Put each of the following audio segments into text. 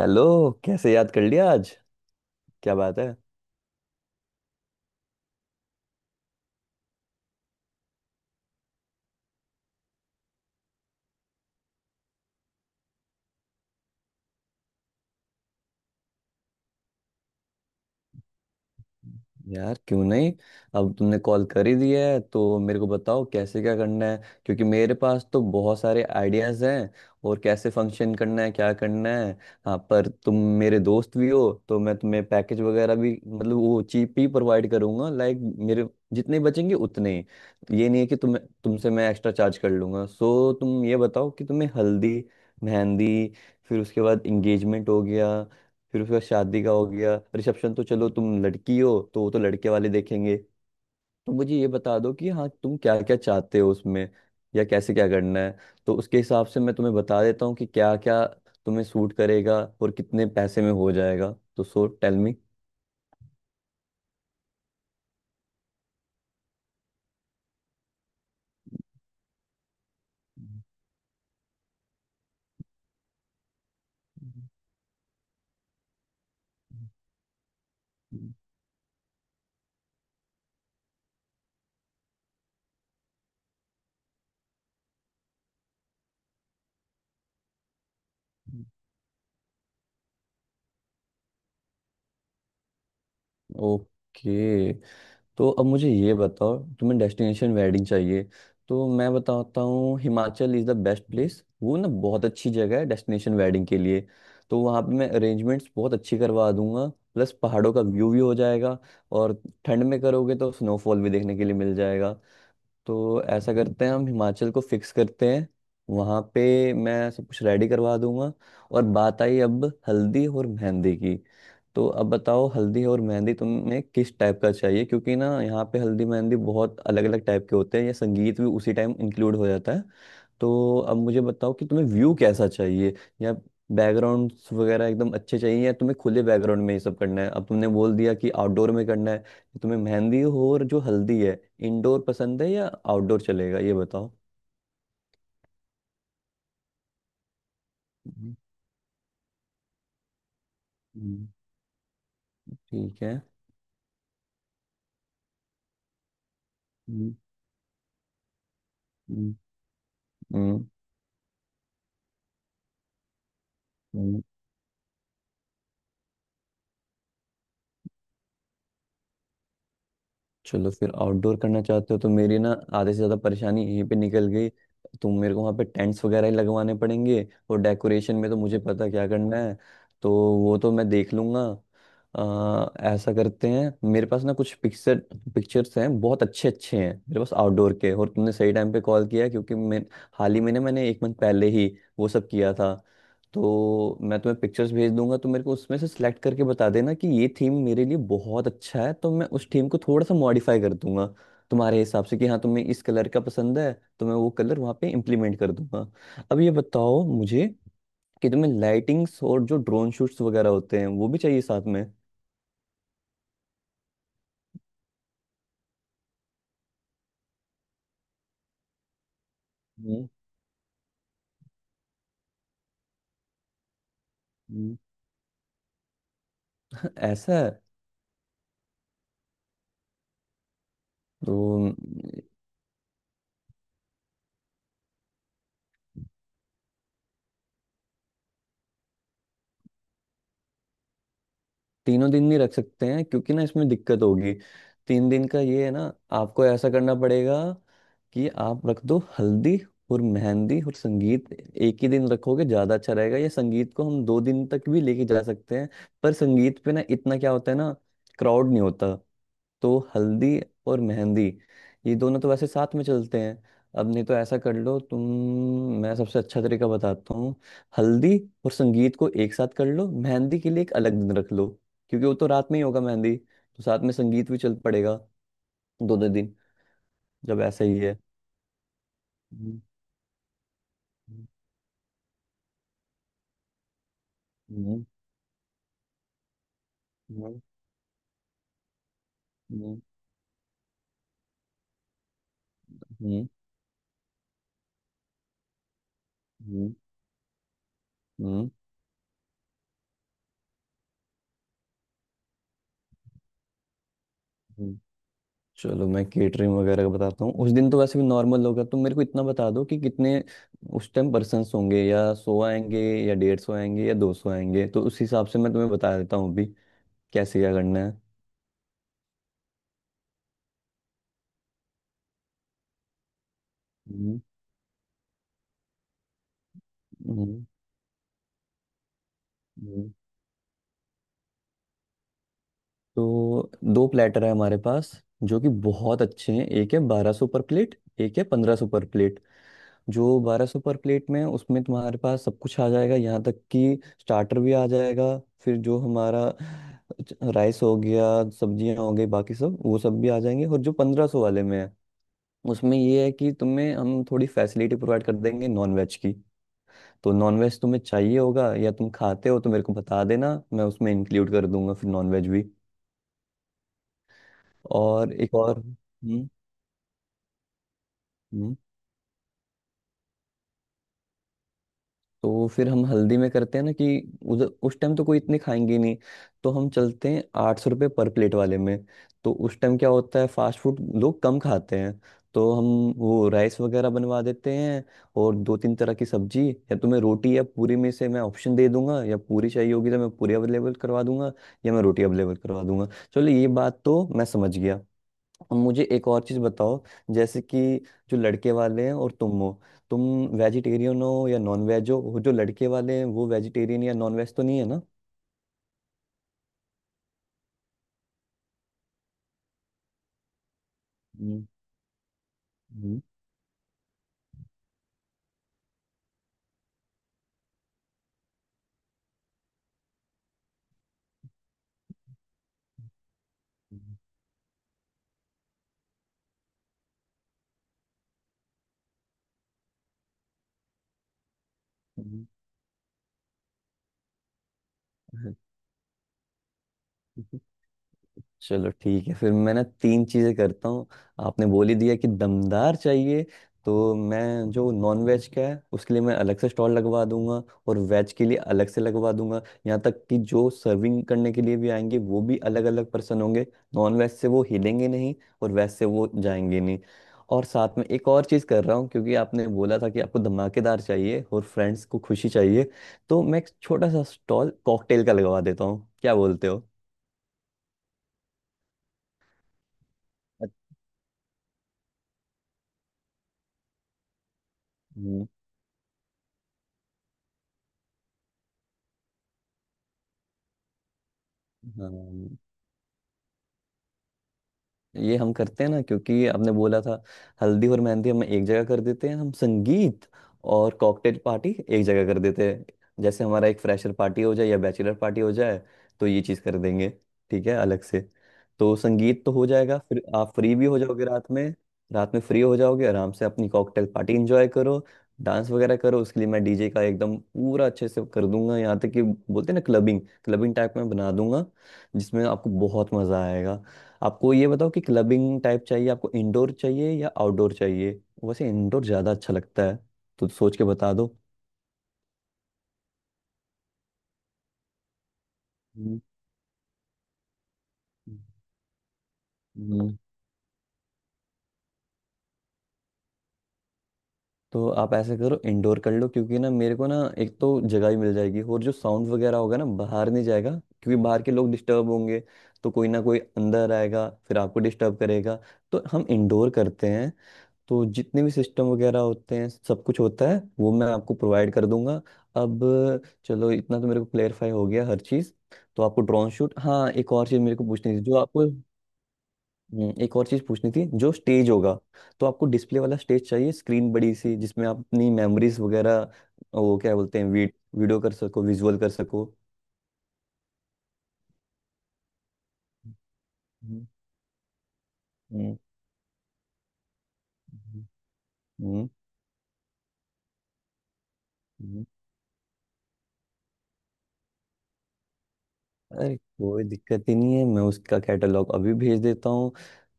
Hello. कैसे याद कर लिया आज? क्या बात है? यार क्यों नहीं। अब तुमने कॉल कर ही दिया है तो मेरे को बताओ कैसे क्या करना है, क्योंकि मेरे पास तो बहुत सारे आइडियाज हैं और कैसे फंक्शन करना है क्या करना है। हाँ पर तुम मेरे दोस्त भी हो तो मैं तुम्हें पैकेज वगैरह भी मतलब वो चीप ही प्रोवाइड करूंगा, लाइक मेरे जितने बचेंगे उतने ही, ये नहीं है कि तुमसे मैं एक्स्ट्रा चार्ज कर लूंगा। सो तुम ये बताओ कि तुम्हें हल्दी, मेहंदी, फिर उसके बाद इंगेजमेंट हो गया, फिर उसका शादी का हो गया रिसेप्शन। तो चलो तुम लड़की हो तो वो तो लड़के वाले देखेंगे, तो मुझे ये बता दो कि हाँ तुम क्या क्या चाहते हो उसमें या कैसे क्या करना है, तो उसके हिसाब से मैं तुम्हें बता देता हूँ कि क्या क्या तुम्हें सूट करेगा और कितने पैसे में हो जाएगा। तो सो टेल मी। ओके। तो अब मुझे ये बताओ तुम्हें डेस्टिनेशन वेडिंग चाहिए, तो मैं बताता हूँ Himachal is the best place. वो ना बहुत अच्छी जगह है डेस्टिनेशन वेडिंग के लिए। तो वहाँ पे मैं अरेंजमेंट्स बहुत अच्छी करवा दूंगा, प्लस पहाड़ों का व्यू भी हो जाएगा और ठंड में करोगे तो स्नोफॉल भी देखने के लिए मिल जाएगा। तो ऐसा करते हैं हम हिमाचल को फिक्स करते हैं। वहाँ पे मैं सब कुछ रेडी करवा दूंगा। और बात आई अब हल्दी और मेहंदी की। तो अब बताओ हल्दी और मेहंदी तुम्हें किस टाइप का चाहिए, क्योंकि ना यहाँ पे हल्दी मेहंदी बहुत अलग अलग टाइप के होते हैं या संगीत भी उसी टाइम इंक्लूड हो जाता है। तो अब मुझे बताओ कि तुम्हें व्यू कैसा चाहिए या बैकग्राउंड वगैरह एकदम अच्छे चाहिए या तुम्हें खुले बैकग्राउंड में ये सब करना है। अब तुमने बोल दिया कि आउटडोर में करना है, तो तुम्हें मेहंदी हो और जो हल्दी है इंडोर पसंद है या आउटडोर चलेगा ये बताओ। हम्म, हम्म, ठीक है। हम्म, हम्म, हम्म, हम्म, चलो फिर आउटडोर करना चाहते हो तो मेरी ना आधे से ज़्यादा परेशानी यहीं पे निकल गई। तो मेरे को वहाँ पे टेंट्स वगैरह ही लगवाने पड़ेंगे और डेकोरेशन में तो मुझे पता क्या करना है। तो वो तो मैं देख लूँगा। आ, ऐसा करते हैं मेरे पास ना कुछ पिक्चर्स हैं, बहुत अच्छे अच्छे हैं मेरे पास आउटडोर के। और तुमने सही टाइम पे कॉल किया क्योंकि मैं हाल ही में ना मैंने 1 मंथ पहले ही वो सब किया था। तो मैं तुम्हें पिक्चर्स भेज दूंगा तो मेरे को उसमें से सिलेक्ट करके बता देना कि ये थीम मेरे लिए बहुत अच्छा है, तो मैं उस थीम को थोड़ा सा मॉडिफाई कर दूंगा तुम्हारे हिसाब से कि हाँ तुम्हें इस कलर का पसंद है तो मैं वो कलर वहाँ पे इम्प्लीमेंट कर दूंगा। अब ये बताओ मुझे कि तुम्हें लाइटिंग्स और जो ड्रोन शूट्स वगैरह होते हैं वो भी चाहिए साथ में। हम्म, हम्म। ऐसा है? तो अम, तीनों दिन नहीं रख सकते हैं क्योंकि ना इसमें दिक्कत होगी। 3 दिन का ये है ना, आपको ऐसा करना पड़ेगा कि आप रख दो हल्दी और मेहंदी और संगीत एक ही दिन, रखोगे ज्यादा अच्छा रहेगा या संगीत को हम 2 दिन तक भी लेके जा सकते हैं, पर संगीत पे ना इतना क्या होता है ना, क्राउड नहीं होता। तो हल्दी और मेहंदी ये दोनों तो वैसे साथ में चलते हैं। अब नहीं तो ऐसा कर लो तुम, मैं सबसे अच्छा तरीका बताता हूँ। हल्दी और संगीत को एक साथ कर लो, मेहंदी के लिए एक अलग दिन रख लो, क्योंकि वो तो रात में ही होगा मेहंदी तो साथ में संगीत भी चल पड़ेगा। दोनों दिन जब ऐसा ही है। हम्म। हम्म। हम्म। हम्म। हम्म। हम्म, हम्म, हम्म। चलो मैं केटरिंग वगैरह का बताता हूँ, उस दिन तो वैसे भी नॉर्मल होगा। तुम मेरे को इतना बता दो कि कितने उस टाइम पर्सन्स होंगे, या 100 आएंगे या 150 आएंगे या 200 आएंगे, तो उस हिसाब से मैं तुम्हें बता देता हूँ अभी कैसे क्या करना है। हम्म। हम्म, हम्म। तो दो प्लेटर है हमारे पास जो कि बहुत अच्छे हैं, एक है 1200 पर प्लेट, एक है 1500 पर प्लेट। जो 1200 पर प्लेट में है, उसमें तुम्हारे पास सब कुछ आ जाएगा, यहाँ तक कि स्टार्टर भी आ जाएगा। फिर जो हमारा राइस हो गया, सब्जियां हो गई, बाकी सब वो सब भी आ जाएंगे। और जो 1500 वाले में है उसमें ये है कि तुम्हें हम थोड़ी फैसिलिटी प्रोवाइड कर देंगे नॉन वेज की। तो नॉन वेज तुम्हें चाहिए होगा या तुम खाते हो तो मेरे को बता देना, मैं उसमें इंक्लूड कर दूंगा फिर नॉन वेज भी। और एक और हम्म। हम्म। तो फिर हम हल्दी में करते हैं ना कि उधर उस टाइम तो कोई इतने खाएंगे ही नहीं। तो हम चलते हैं 800 रुपये पर प्लेट वाले में। तो उस टाइम क्या होता है, फास्ट फूड लोग कम खाते हैं। तो हम वो राइस वगैरह बनवा देते हैं और दो तीन तरह की सब्जी, या तुम्हें रोटी या पूरी में से मैं ऑप्शन दे दूंगा। या पूरी चाहिए होगी तो मैं पूरी अवेलेबल करवा दूंगा या मैं रोटी अवेलेबल करवा दूंगा। चलो ये बात तो मैं समझ गया। अब मुझे एक और चीज़ बताओ, जैसे कि जो लड़के वाले हैं और तुम हो, तुम वेजिटेरियन हो या नॉन वेज हो, वो जो लड़के वाले हैं वो वेजिटेरियन या नॉन वेज तो नहीं है ना? हम्म, हम्म, हम्म, हम्म। चलो ठीक है, फिर मैं ना तीन चीजें करता हूँ। आपने बोल ही दिया कि दमदार चाहिए, तो मैं जो नॉन वेज का है उसके लिए मैं अलग से स्टॉल लगवा दूंगा और वेज के लिए अलग से लगवा दूंगा। यहाँ तक कि जो सर्विंग करने के लिए भी आएंगे वो भी अलग अलग पर्सन होंगे। नॉन वेज से वो हिलेंगे नहीं और वेज से वो जाएंगे नहीं। और साथ में एक और चीज़ कर रहा हूँ क्योंकि आपने बोला था कि आपको धमाकेदार चाहिए और फ्रेंड्स को खुशी चाहिए, तो मैं एक छोटा सा स्टॉल कॉकटेल का लगवा देता हूँ, क्या बोलते हो? अच्छा। हाँ, ये हम करते हैं ना, क्योंकि आपने बोला था हल्दी और मेहंदी हम एक जगह कर देते हैं, हम संगीत और कॉकटेल पार्टी एक जगह कर देते हैं जैसे हमारा एक फ्रेशर पार्टी हो जाए या बैचलर पार्टी हो जाए। तो ये चीज़ कर देंगे ठीक है अलग से। तो संगीत तो हो जाएगा फिर आप फ्री भी हो जाओगे रात में। रात में फ्री हो जाओगे आराम से अपनी कॉकटेल पार्टी एंजॉय करो, डांस वगैरह करो। उसके लिए मैं डीजे का एकदम पूरा अच्छे से कर दूंगा, यहाँ तक कि बोलते हैं ना क्लबिंग, क्लबिंग टाइप में बना दूंगा जिसमें आपको बहुत मज़ा आएगा। आपको ये बताओ कि क्लबिंग टाइप चाहिए, आपको इंडोर चाहिए या आउटडोर चाहिए? वैसे इंडोर ज़्यादा अच्छा लगता है, तो सोच के बता दो। हम्म, हम्म। तो आप ऐसे करो इंडोर कर लो, क्योंकि ना मेरे को ना एक तो जगह ही मिल जाएगी और जो साउंड वगैरह होगा ना बाहर नहीं जाएगा, क्योंकि बाहर के लोग डिस्टर्ब होंगे। तो कोई ना कोई अंदर आएगा फिर आपको डिस्टर्ब करेगा, तो हम इंडोर करते हैं। तो जितने भी सिस्टम वगैरह होते हैं सब कुछ होता है वो मैं आपको प्रोवाइड कर दूंगा। अब चलो इतना तो मेरे को क्लेरिफाई हो गया हर चीज़। तो आपको ड्रोन शूट, हाँ एक और चीज़ मेरे को पूछनी थी जो आपको, एक और चीज़ पूछनी थी जो स्टेज होगा। तो आपको डिस्प्ले वाला स्टेज चाहिए, स्क्रीन बड़ी सी जिसमें आप अपनी मेमोरीज वगैरह, वो क्या बोलते हैं वीडियो कर सको, विजुअल कर सको। हम्म, हम्म, हम्म, हम्म, अरे कोई दिक्कत ही नहीं है, मैं उसका कैटलॉग अभी भेज देता हूँ।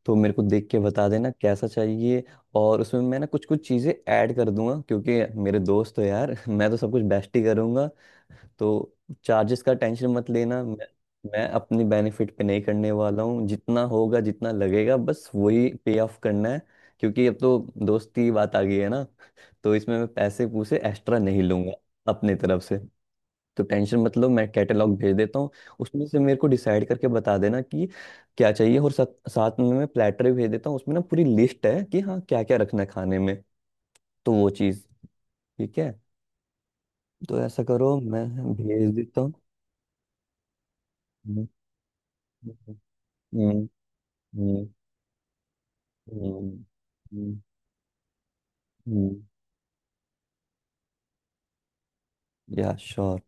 तो मेरे को देख के बता देना कैसा चाहिए और उसमें मैं ना कुछ कुछ चीज़ें ऐड कर दूंगा, क्योंकि मेरे दोस्त हो यार मैं तो सब कुछ बेस्ट ही करूंगा। तो चार्जेस का टेंशन मत लेना। मैं अपनी बेनिफिट पे नहीं करने वाला हूँ, जितना होगा जितना लगेगा बस वही पे ऑफ करना है, क्योंकि अब तो दोस्ती बात आ गई है ना। तो इसमें मैं पैसे पूसे एक्स्ट्रा नहीं लूंगा अपने तरफ से। तो टेंशन मतलब मैं कैटलॉग भेज देता हूँ, उसमें से मेरे को डिसाइड करके बता देना कि क्या चाहिए। और साथ में मैं प्लेटर भी भेज देता हूँ, उसमें ना पूरी लिस्ट है कि हाँ क्या क्या रखना है खाने में। तो वो चीज़ ठीक है। तो ऐसा करो मैं भेज देता हूँ। हम्म, हम्म, हम्म, हम्म, हम्म, हम्म, हम्म, हम्म। या श्योर।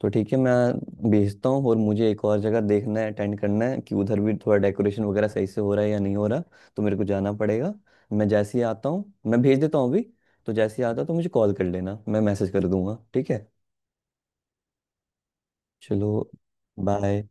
तो ठीक है मैं भेजता हूँ। और मुझे एक और जगह देखना है अटेंड करना है, कि उधर भी थोड़ा डेकोरेशन वगैरह सही से हो रहा है या नहीं हो रहा, तो मेरे को जाना पड़ेगा। मैं जैसे ही आता हूँ मैं भेज देता हूँ अभी। तो जैसे ही आता हूँ तो मुझे कॉल कर लेना, मैं मैसेज कर दूंगा ठीक है। चलो, बाय।